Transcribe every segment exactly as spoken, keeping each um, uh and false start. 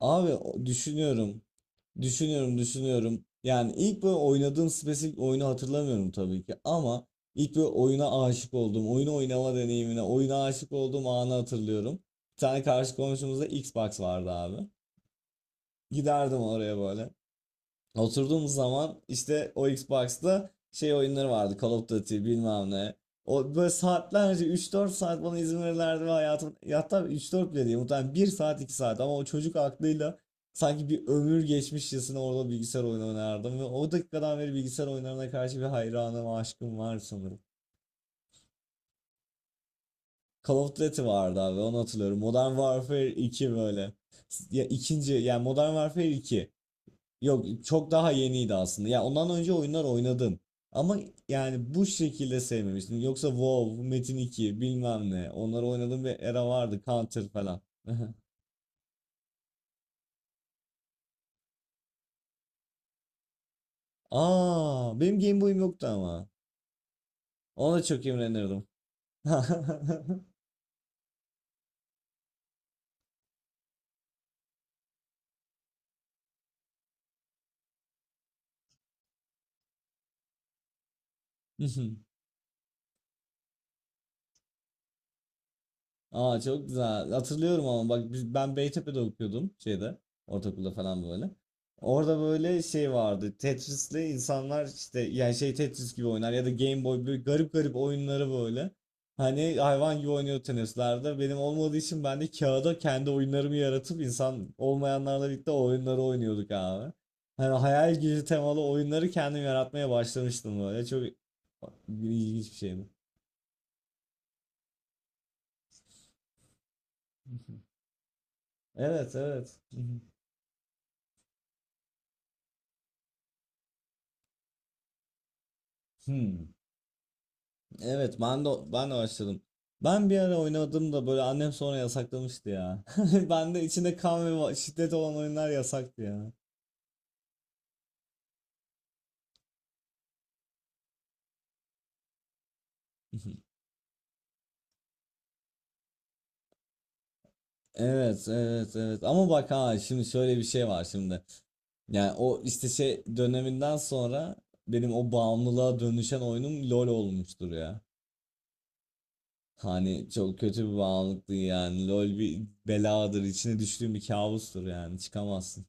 Abi o- düşünüyorum. Düşünüyorum, düşünüyorum. Yani ilk böyle oynadığım spesifik oyunu hatırlamıyorum tabii ki ama ilk böyle oyuna aşık olduğum, oyunu oynama deneyimine, oyuna aşık olduğum anı hatırlıyorum. Bir tane karşı komşumuzda Xbox vardı abi. Giderdim oraya böyle. Oturduğumuz zaman işte o Xbox'ta şey oyunları vardı. Call of Duty bilmem ne. O böyle saatlerce üç dört saat bana izin verirlerdi ve hayatım hatta üç dört bile değil muhtemelen bir saat iki saat ama o çocuk aklıyla sanki bir ömür geçmişçesine orada bilgisayar oyunu oynardım ve o dakikadan beri bilgisayar oyunlarına karşı bir hayranım, aşkım var sanırım. Call of Duty vardı abi onu hatırlıyorum. Modern Warfare iki böyle. Ya ikinci yani Modern Warfare iki. Yok çok daha yeniydi aslında. Ya ondan önce oyunlar oynadım. Ama yani bu şekilde sevmemiştim. Yoksa WoW, Metin iki bilmem ne. Onları oynadığım bir era vardı. Counter falan. Aa, benim Game Boy'um yoktu ama. Ona çok imrenirdim. Aa çok güzel. Hatırlıyorum ama bak biz, ben Beytepe'de okuyordum şeyde. Ortaokulda falan böyle. Orada böyle şey vardı. Tetris'le insanlar işte yani şey Tetris gibi oynar ya da Game Boy böyle garip garip oyunları böyle. Hani hayvan gibi oynuyor tenislerde. Benim olmadığı için ben de kağıda kendi oyunlarımı yaratıp insan olmayanlarla birlikte o oyunları oynuyorduk abi. Hani hayal gücü temalı oyunları kendim yaratmaya başlamıştım böyle. Çok ilginç bir şeydi. Evet, evet. Hmm. Evet ben de ben de başladım. Ben bir ara oynadım da böyle annem sonra yasaklamıştı ya. Ben de içinde kan ve va- şiddet olan oyunlar yasaktı ya. Evet, evet, evet, ama bak ha şimdi şöyle bir şey var şimdi. Yani o işte şey döneminden sonra benim o bağımlılığa dönüşen oyunum LoL olmuştur ya. Hani çok kötü bir bağımlılıktı yani. LoL bir beladır, içine düştüğüm bir kabustur yani. Çıkamazsın.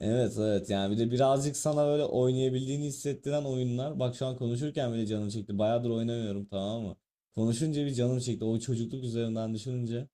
Evet, evet, yani bir de birazcık sana böyle oynayabildiğini hissettiren oyunlar. Bak şu an konuşurken bile canım çekti. Bayağıdır oynamıyorum tamam mı? Konuşunca bir canım çekti. O çocukluk üzerinden düşününce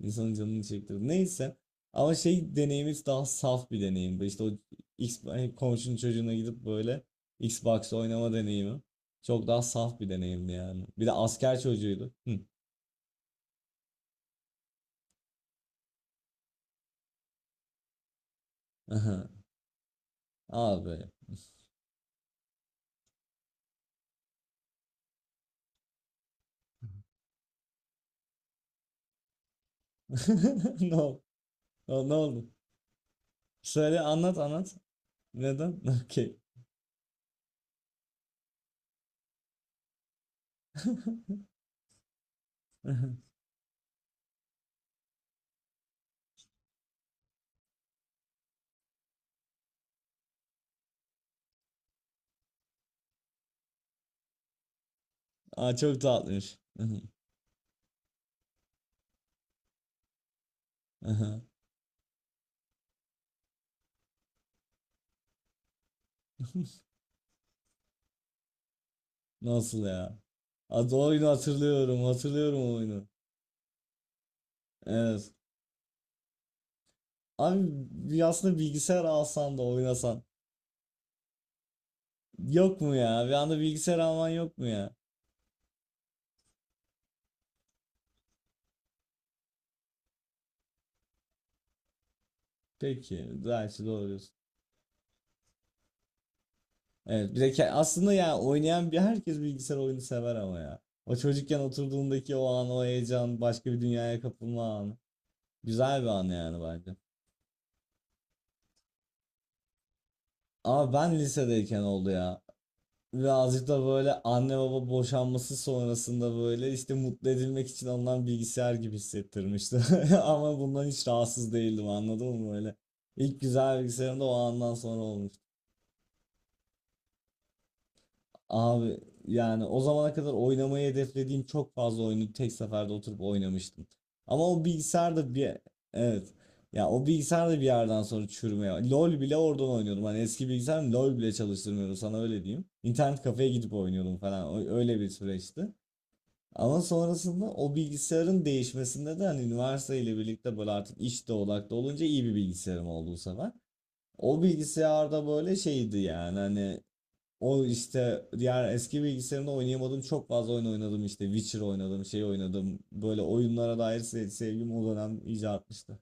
insanın canını çekti. Neyse. Ama şey deneyimiz daha saf bir deneyimdi. İşte o X, hani komşunun çocuğuna gidip böyle Xbox oynama deneyimi. Çok daha saf bir deneyimdi yani. Bir de asker çocuğuydu. Hı. Aha. Abi. Ne oldu? Ne oldu? Söyle, anlat anlat. Neden? Okey. Aa, çok tatlıymış. Nasıl ya? Adı oyunu hatırlıyorum. Hatırlıyorum o oyunu. Evet. Abi bir aslında bilgisayar alsan da oynasan. Yok mu ya? Bir anda bilgisayar alman yok mu ya? Peki. Belki doğru diyorsun. Evet. Bir de ke- aslında ya oynayan bir herkes bilgisayar oyunu sever ama ya. O çocukken oturduğundaki o an, o heyecan, başka bir dünyaya kapılma anı. Güzel bir an yani bence. Ama ben lisedeyken oldu ya. Birazcık da böyle anne baba boşanması sonrasında böyle işte mutlu edilmek için alınan bilgisayar gibi hissettirmişti. Ama bundan hiç rahatsız değildim anladın mı böyle. İlk güzel bilgisayarım da o andan sonra olmuştu. Abi yani o zamana kadar oynamayı hedeflediğim çok fazla oyunu tek seferde oturup oynamıştım. Ama o bilgisayar da bir evet. Ya o bilgisayar da bir yerden sonra çürümeye. LoL bile oradan oynuyordum. Hani eski bilgisayarım LoL bile çalıştırmıyordu sana öyle diyeyim. İnternet kafeye gidip oynuyordum falan. O- Öyle bir süreçti. Ama sonrasında o bilgisayarın değişmesinde de hani üniversiteyle birlikte böyle artık işte odaklı olunca iyi bir bilgisayarım oldu bu sefer. O bilgisayarda böyle şeydi yani hani o işte diğer eski bilgisayarımda oynayamadığım çok fazla oyun oynadım işte Witcher oynadım şey oynadım böyle oyunlara dair se- sevgim o dönem iyice artmıştı.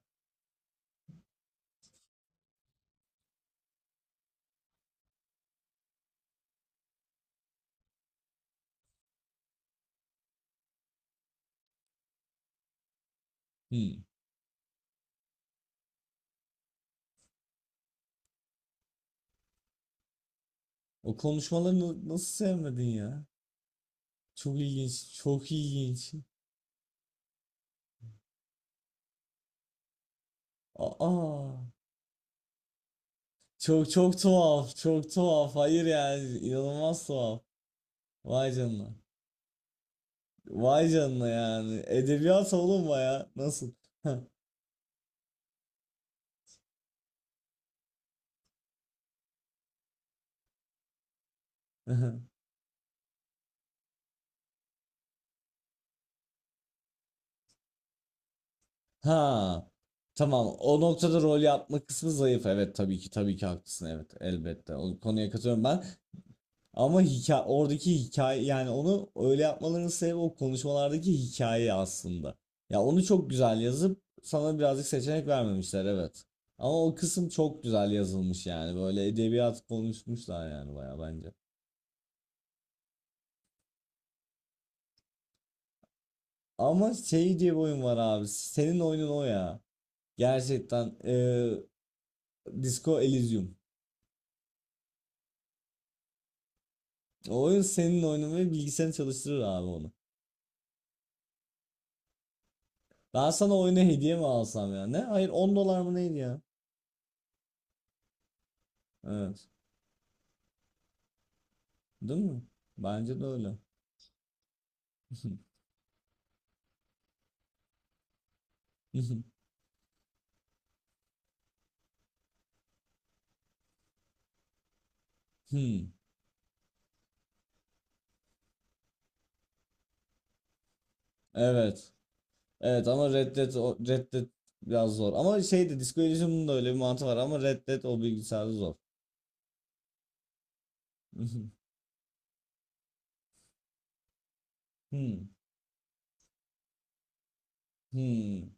Hmm. O konuşmaları na- nasıl sevmedin ya? Çok ilginç, çok ilginç. Aa, çok çok tuhaf, çok tuhaf. Hayır yani inanılmaz tuhaf. Vay canına. Vay canına yani. Edebiyat oğlum ya. Nasıl? Ha. Ha. Tamam. O noktada rol yapma kısmı zayıf. Evet, tabii ki tabii ki haklısın. Evet, elbette. O konuya katılıyorum ben. Ama hikaye, oradaki hikaye yani onu öyle yapmalarının sebebi o konuşmalardaki hikaye aslında. Ya onu çok güzel yazıp sana birazcık seçenek vermemişler, evet. Ama o kısım çok güzel yazılmış yani. Böyle edebiyat konuşmuşlar yani bayağı bence. Ama şey diye bir oyun var abi. Senin oyunun o ya. Gerçekten eee Disco Elysium. O oyun senin oyunun ve bilgisayarını çalıştırır abi onu. Ben sana oyunu hediye mi alsam ya? Ne? Hayır on dolar mı neydi ya? Evet. Değil mi? Bence de öyle. Hmm. Evet. Evet ama Red Dead, o- Red Dead biraz zor. Ama şey de Disco Elysium'un da öyle bir mantığı var ama Red Dead o bilgisayarda zor. Hmm. Hmm.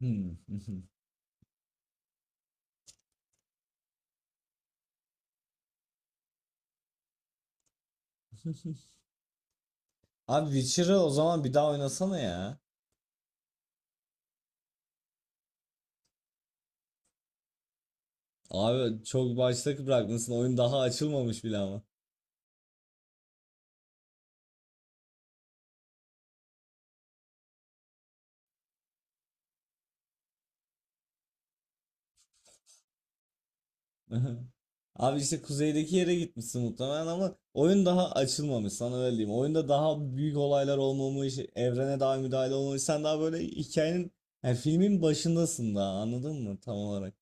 Hmm. Abi Witcher'ı o zaman bir daha oynasana ya. Abi çok başta bırakmışsın. Oyun daha açılmamış bile ama. Abi işte kuzeydeki yere gitmişsin muhtemelen ama oyun daha açılmamış sana öyle diyeyim. Oyunda daha büyük olaylar olmamış, evrene daha müdahale olmamış. Sen daha böyle hikayenin, yani filmin başındasın daha anladın mı tam olarak?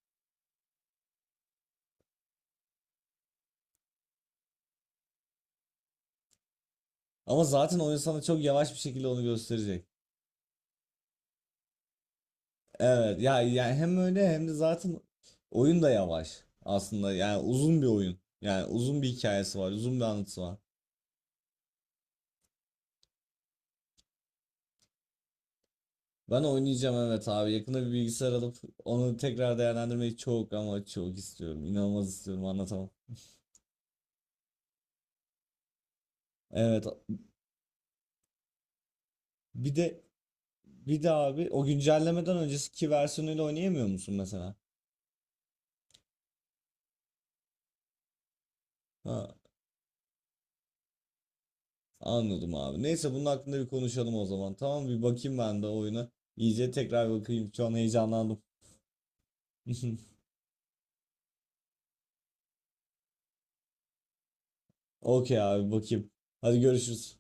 Ama zaten oyun sana çok yavaş bir şekilde onu gösterecek. Evet ya yani hem öyle hem de zaten oyun da yavaş aslında yani uzun bir oyun yani uzun bir hikayesi var uzun bir anlatısı var. Ben oynayacağım, evet abi, yakında bir bilgisayar alıp onu tekrar değerlendirmeyi çok ama çok istiyorum, inanılmaz istiyorum, anlatamam. Evet, bir de bir de abi o güncellemeden önceki versiyonuyla oynayamıyor musun mesela? Ha, anladım abi, neyse bunun hakkında bir konuşalım o zaman, tamam bir bakayım ben de oyuna iyice tekrar bakayım şu an heyecanlandım. Okey abi bakayım. Hadi görüşürüz.